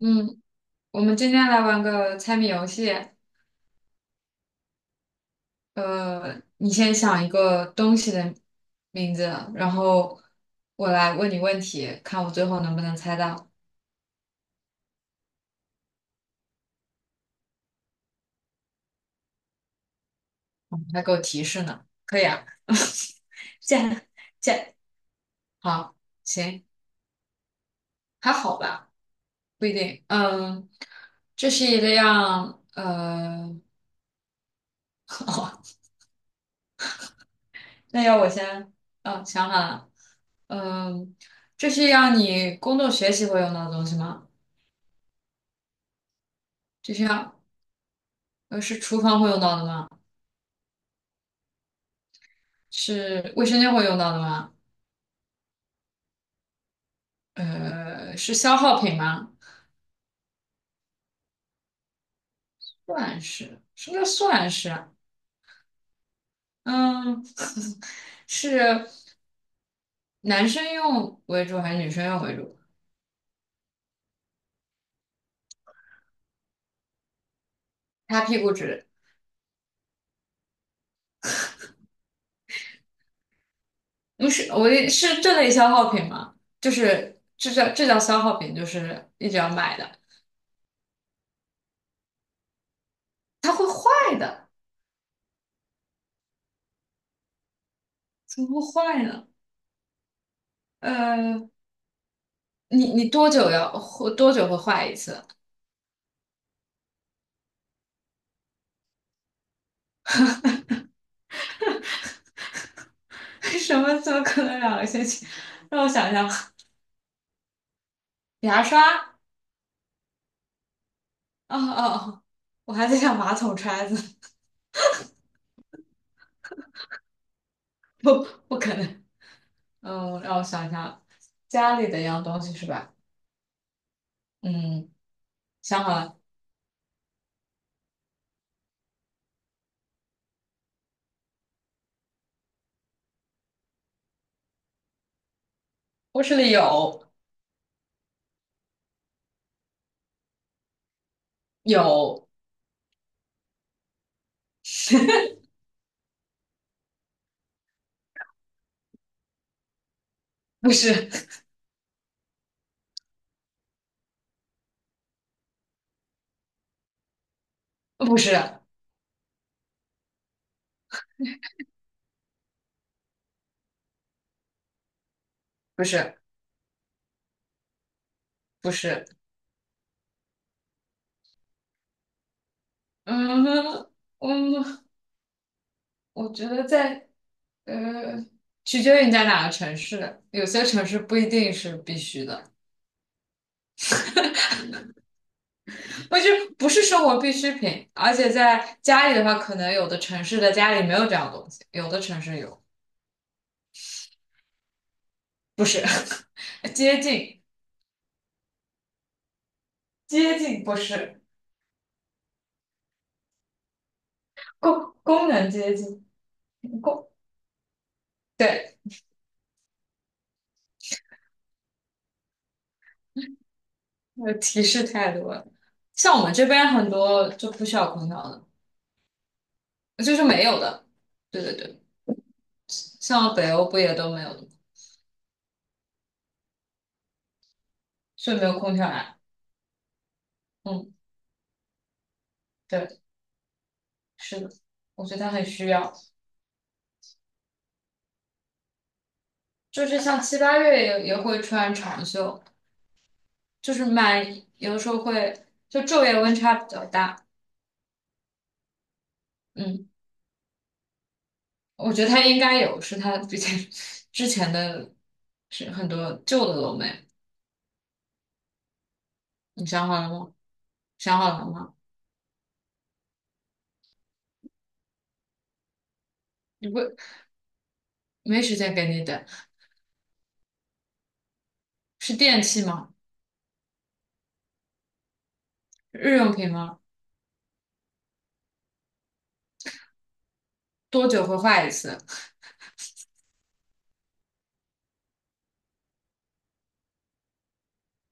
嗯，我们今天来玩个猜谜游戏。你先想一个东西的名字，然后我来问你问题，看我最后能不能猜到，你还给我提示呢。可以啊，这样这样，好，行，还好吧，不一定。嗯，这是一个样，哦，那要我先，嗯，想好了，嗯，这是一样你工作学习会用到的东西吗？这是要，是厨房会用到的吗？是卫生间会用到的吗？是消耗品吗？算是，什么叫算是啊？嗯，是男生用为主还是女生用为主？擦屁股纸，嗯，是，我也是这类消耗品吗？就是这叫消耗品，就是一直要买的，它会坏的，怎么会坏呢？呃，你多久要会多久会坏一次？什么？怎么可能两个星期？让我想一下，牙刷。哦哦，哦！我还在想马桶揣子，不可能。嗯，让我想一想，家里的一样东西是吧？嗯，想好了，卧室里有，不是不是不是不是，嗯嗯，我觉得在呃，取决于你在哪个城市，有些城市不一定是必须的，不是生活必需品，而且在家里的话，可能有的城市的家里没有这样东西，有的城市有，不是。接近，接近不是功能接近功，对，那个提示太多了。像我们这边很多就不需要空调的，就是没有的。对对对，像北欧不也都没有的吗，所以没有空调呀。嗯，对，是的，我觉得它很需要，就是像七八月也会穿长袖，就是蛮有的时候会就昼夜温差比较大。嗯。我觉得它应该有，是它之前 之前的，是很多旧的楼没，你想好了吗？想好了吗？你不没时间给你等，是电器吗？日用品吗？多久会坏一次？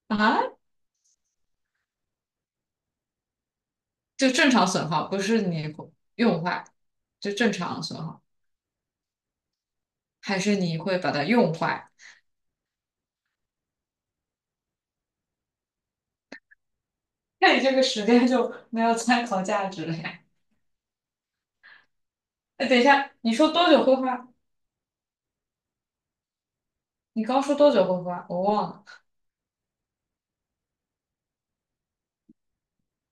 啊，就正常损耗，不是你用坏，就正常损耗，还是你会把它用坏？那你这个时间就没有参考价值了呀。哎，等一下，你说多久会坏？你刚说多久会坏，我忘了。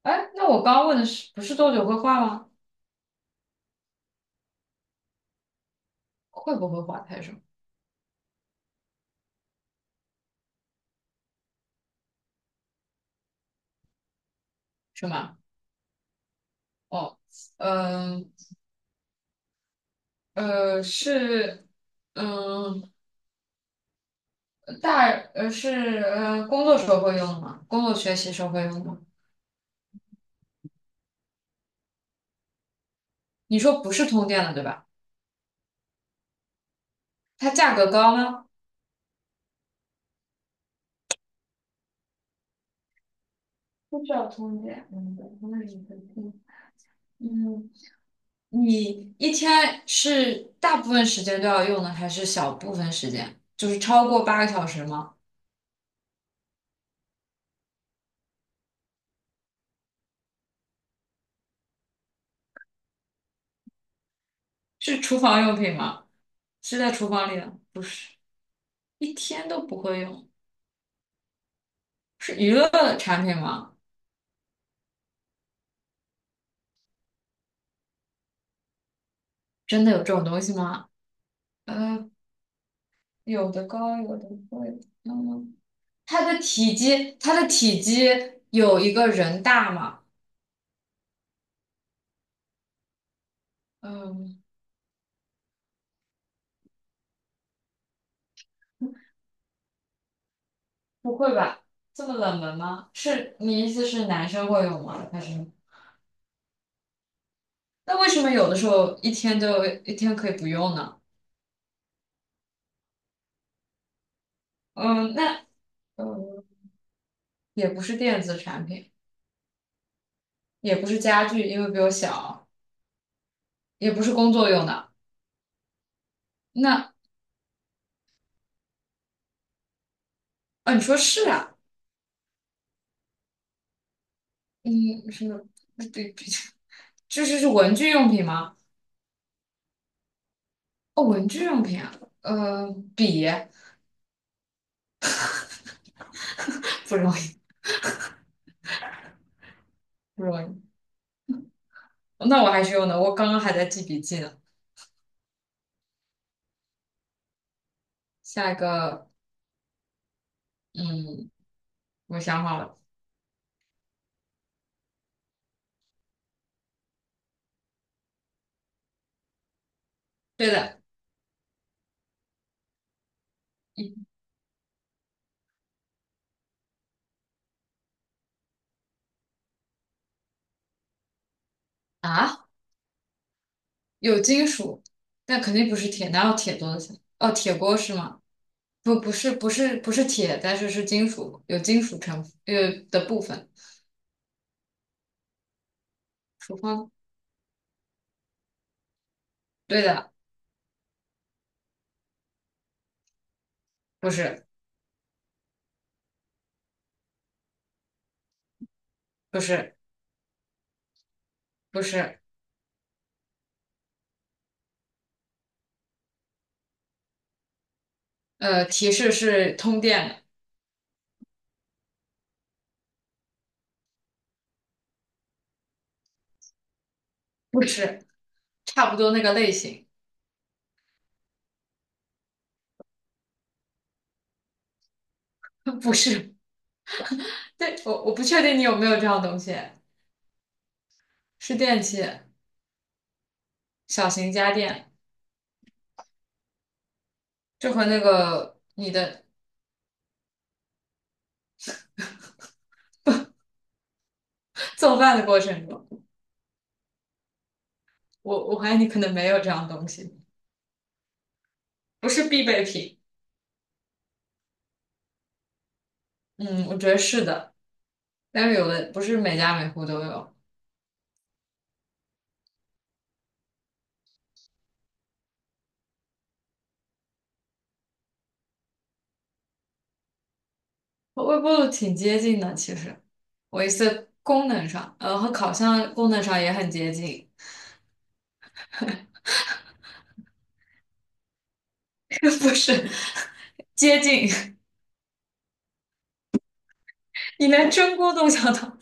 哎，那我刚问的是不是多久会坏吗？会不会滑太深？是吗？哦，嗯是嗯大是工作时候会用吗？工作学习时候会用吗？你说不是通电的对吧？它价格高吗？不需要通电，嗯，对那你可以听嗯，你一天是大部分时间都要用的，还是小部分时间？就是超过八个小时吗？是厨房用品吗？是在厨房里的？不是，一天都不会用。是娱乐的产品吗？真的有这种东西吗？呃，有的高，有的贵。嗯，它的体积有一个人大吗？嗯，不会吧？这么冷门吗？是你意思是男生会用吗？还是？那为什么有的时候一天可以不用呢？嗯，那嗯，也不是电子产品，也不是家具，因为比我小，也不是工作用的。那啊，你说是啊？嗯，什么？比较。这是文具用品吗？哦，文具用品啊，呃，笔不容易，不容易。那我还是用的，我刚刚还在记笔记呢。下一个，嗯，我想好了，对的，一啊，有金属，但肯定不是铁，哪有铁做的钱哦，铁锅是吗？不，不是，不是，不是铁，但是是金属，有金属成的部分。厨房，对的，不是，不是，不是，提示是通电的，不是，差不多那个类型，不是。对，我不确定你有没有这样东西，是电器，小型家电，就和那个你的 做饭的过程中，我怀疑你可能没有这样东西，不是必备品。嗯，我觉得是的，但是有的不是每家每户都有。和微波炉挺接近的，其实，我意思功能上，和烤箱功能上也很接近，不是接近。你连蒸锅都想到，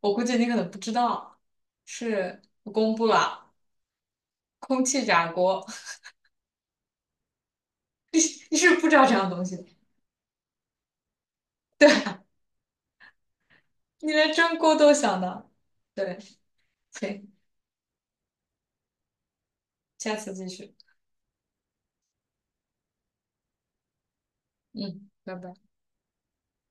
我估计你可能不知道，是我公布了。空气炸锅，你是不是不知道这样东西的你连蒸锅都想到。对，行，下次继续。嗯，拜拜。